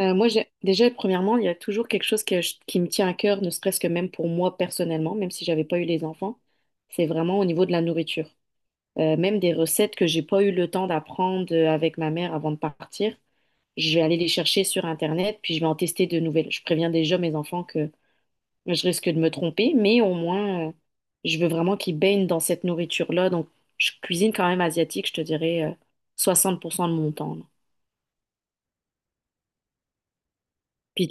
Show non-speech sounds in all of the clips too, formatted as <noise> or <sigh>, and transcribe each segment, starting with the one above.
Moi, déjà, premièrement, il y a toujours quelque chose que qui me tient à cœur, ne serait-ce que même pour moi personnellement, même si j'avais pas eu les enfants, c'est vraiment au niveau de la nourriture. Même des recettes que j'ai pas eu le temps d'apprendre avec ma mère avant de partir, je vais aller les chercher sur Internet, puis je vais en tester de nouvelles. Je préviens déjà mes enfants que je risque de me tromper, mais au moins, je veux vraiment qu'ils baignent dans cette nourriture-là. Donc, je cuisine quand même asiatique, je te dirais, 60% de mon temps. Là. Puis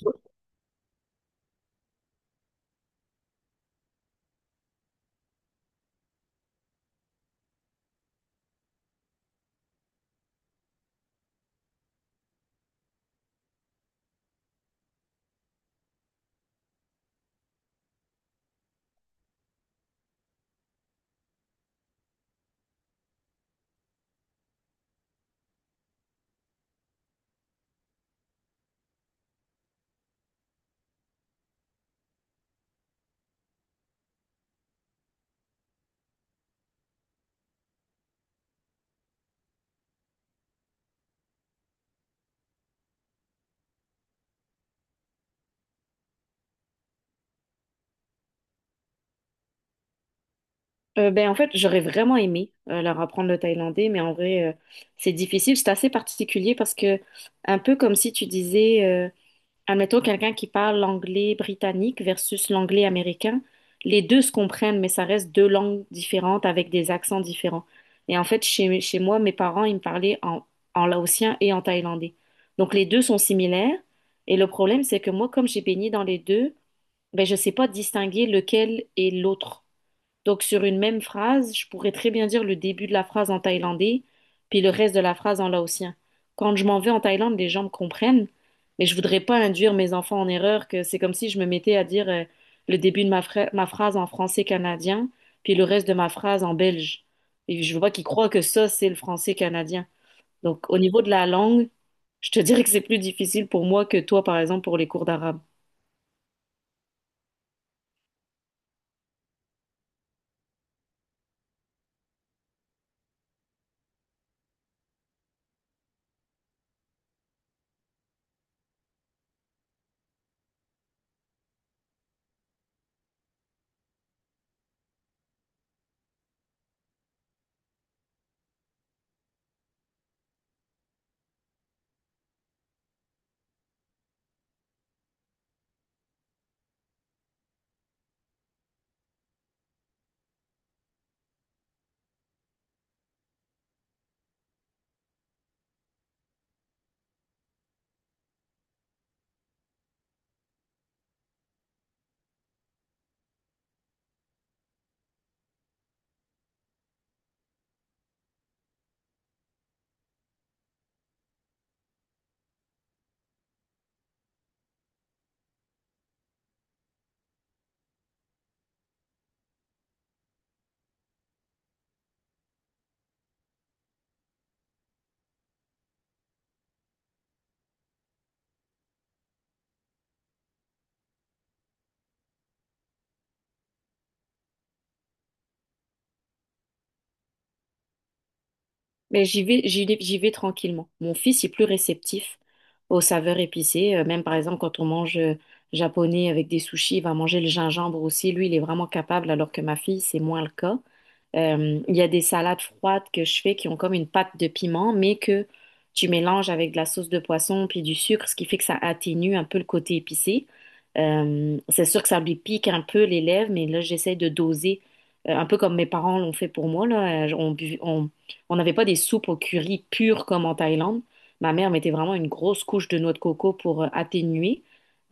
En fait, j'aurais vraiment aimé leur apprendre le thaïlandais, mais en vrai, c'est difficile. C'est assez particulier parce que, un peu comme si tu disais, admettons quelqu'un qui parle l'anglais britannique versus l'anglais américain, les deux se comprennent, mais ça reste deux langues différentes avec des accents différents. Et en fait, chez moi, mes parents, ils me parlaient en laotien et en thaïlandais. Donc, les deux sont similaires. Et le problème, c'est que moi, comme j'ai baigné dans les deux, ben, je sais pas distinguer lequel est l'autre. Donc, sur une même phrase, je pourrais très bien dire le début de la phrase en thaïlandais, puis le reste de la phrase en laotien. Quand je m'en vais en Thaïlande, les gens me comprennent, mais je voudrais pas induire mes enfants en erreur, que c'est comme si je me mettais à dire le début de ma phrase en français canadien, puis le reste de ma phrase en belge. Et je veux pas qu'ils croient que ça, c'est le français canadien. Donc, au niveau de la langue, je te <laughs> dirais que c'est plus difficile pour moi que toi, par exemple, pour les cours d'arabe. Mais j'y vais tranquillement. Mon fils est plus réceptif aux saveurs épicées. Même par exemple, quand on mange japonais avec des sushis, il va manger le gingembre aussi. Lui, il est vraiment capable, alors que ma fille, c'est moins le cas. Il y a des salades froides que je fais qui ont comme une pâte de piment, mais que tu mélanges avec de la sauce de poisson puis du sucre, ce qui fait que ça atténue un peu le côté épicé. C'est sûr que ça lui pique un peu les lèvres, mais là, j'essaie de doser, un peu comme mes parents l'ont fait pour moi, là. On n'avait pas des soupes au curry pures comme en Thaïlande. Ma mère mettait vraiment une grosse couche de noix de coco pour atténuer.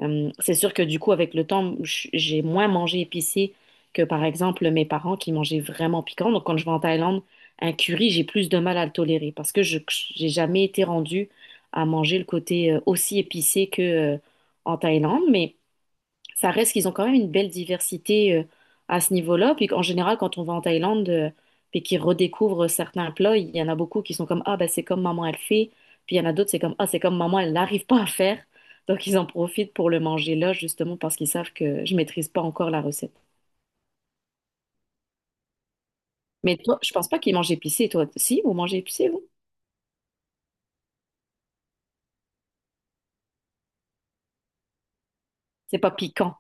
C'est sûr que du coup, avec le temps, j'ai moins mangé épicé que par exemple mes parents qui mangeaient vraiment piquant. Donc quand je vais en Thaïlande, un curry, j'ai plus de mal à le tolérer parce que je j'ai jamais été rendue à manger le côté aussi épicé que euh, en Thaïlande, mais ça reste qu'ils ont quand même une belle diversité à ce niveau-là. Puis en général, quand on va en Thaïlande puis qu'ils redécouvrent certains plats, il y en a beaucoup qui sont comme ah ben c'est comme maman elle fait, puis il y en a d'autres c'est comme ah c'est comme maman elle n'arrive pas à faire. Donc ils en profitent pour le manger là justement parce qu'ils savent que je maîtrise pas encore la recette. Mais toi, je pense pas qu'il mange épicé. Toi, si, vous mangez épicé, vous? C'est pas piquant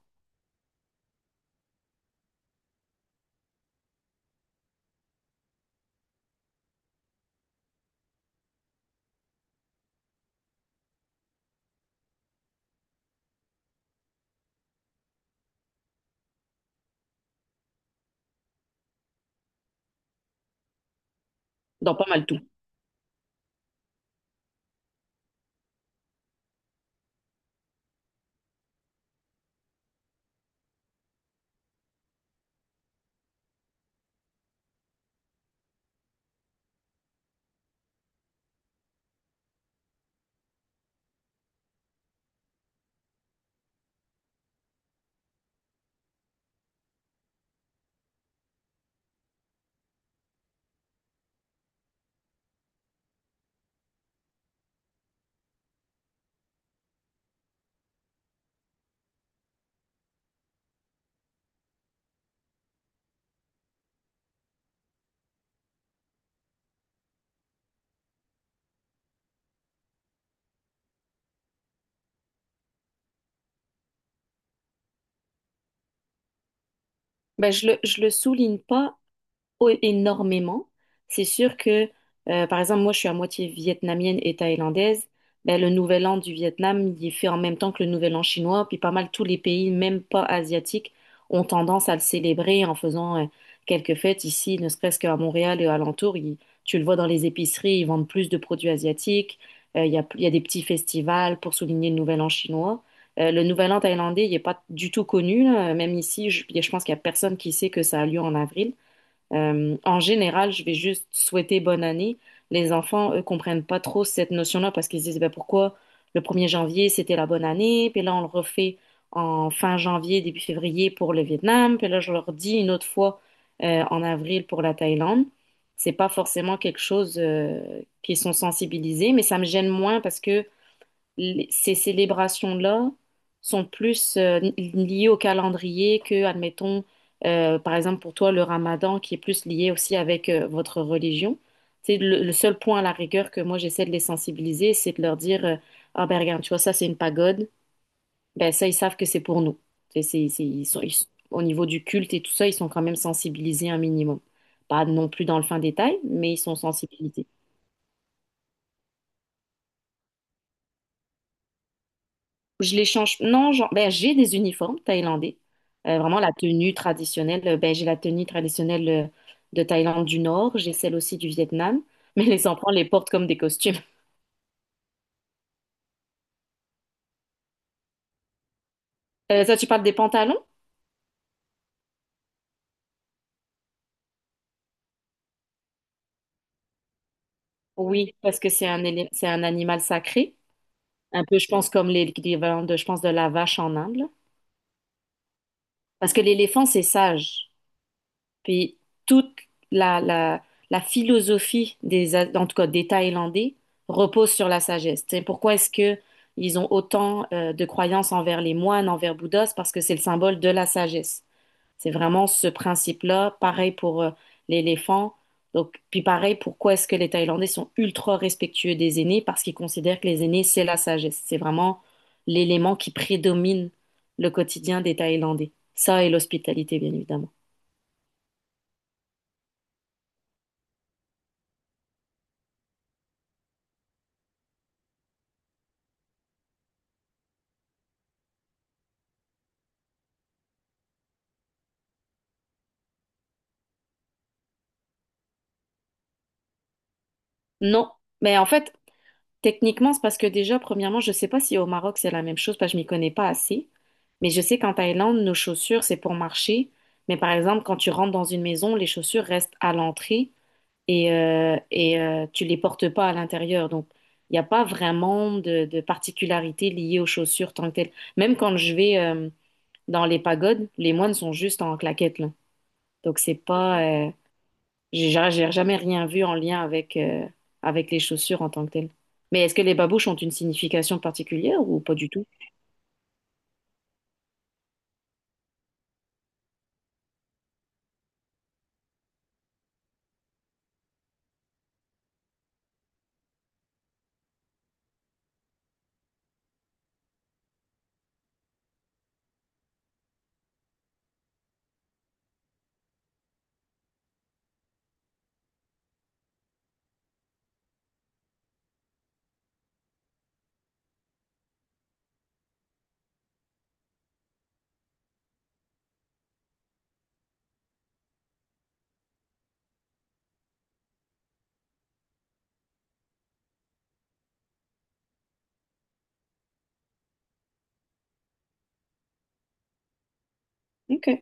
dans pas mal tout. Ben, je le souligne pas énormément. C'est sûr que, par exemple, moi, je suis à moitié vietnamienne et thaïlandaise. Ben, le nouvel an du Vietnam, il est fait en même temps que le nouvel an chinois. Puis pas mal tous les pays, même pas asiatiques, ont tendance à le célébrer en faisant quelques fêtes ici, ne serait-ce qu'à Montréal et alentour. Tu le vois dans les épiceries, ils vendent plus de produits asiatiques. Il y a des petits festivals pour souligner le nouvel an chinois. Le nouvel an thaïlandais, il n'est pas du tout connu, là. Même ici, je pense qu'il n'y a personne qui sait que ça a lieu en avril. En général, je vais juste souhaiter bonne année. Les enfants, eux, comprennent pas trop cette notion-là parce qu'ils se disent, ben, pourquoi le premier janvier, c'était la bonne année, puis là, on le refait en fin janvier, début février pour le Vietnam, puis là, je leur dis une autre fois en avril pour la Thaïlande. C'est pas forcément quelque chose qui sont sensibilisés, mais ça me gêne moins parce que ces célébrations-là sont plus liées au calendrier que, admettons, par exemple pour toi, le Ramadan qui est plus lié aussi avec votre religion. C'est le seul point à la rigueur que moi j'essaie de les sensibiliser, c'est de leur dire ah ben regarde, tu vois ça c'est une pagode, ben ça ils savent que c'est pour nous. Ils sont au niveau du culte et tout ça, ils sont quand même sensibilisés un minimum. Pas non plus dans le fin détail, mais ils sont sensibilisés. Je les change. Non, genre, ben, j'ai des uniformes thaïlandais. Vraiment la tenue traditionnelle. Ben, j'ai la tenue traditionnelle de Thaïlande du Nord. J'ai celle aussi du Vietnam. <laughs> Mais les enfants les portent comme des costumes. Ça, tu parles des pantalons? Oui, parce que c'est c'est un animal sacré. Un peu, je pense, comme l'équivalent de, je pense, de la vache en Inde. Là. Parce que l'éléphant, c'est sage. Puis toute la, la- la philosophie des, en tout cas des Thaïlandais repose sur la sagesse. Tu sais, pourquoi est-ce que ils ont autant de croyances envers les moines, envers Bouddha? C'est parce que c'est le symbole de la sagesse. C'est vraiment ce principe-là. Pareil pour l'éléphant. Donc, puis pareil, pourquoi est-ce que les Thaïlandais sont ultra respectueux des aînés? Parce qu'ils considèrent que les aînés, c'est la sagesse. C'est vraiment l'élément qui prédomine le quotidien des Thaïlandais. Ça et l'hospitalité, bien évidemment. Non, mais en fait, techniquement, c'est parce que déjà, premièrement, je sais pas si au Maroc c'est la même chose, parce que je m'y connais pas assez. Mais je sais qu'en Thaïlande, nos chaussures, c'est pour marcher. Mais par exemple, quand tu rentres dans une maison, les chaussures restent à l'entrée et tu les portes pas à l'intérieur. Donc, il n'y a pas vraiment de particularité liée aux chaussures tant que telles. Même quand je vais dans les pagodes, les moines sont juste en claquettes, là. Donc, c'est pas, j'ai jamais rien vu en lien avec, avec les chaussures en tant que telles. Mais est-ce que les babouches ont une signification particulière ou pas du tout? Ok.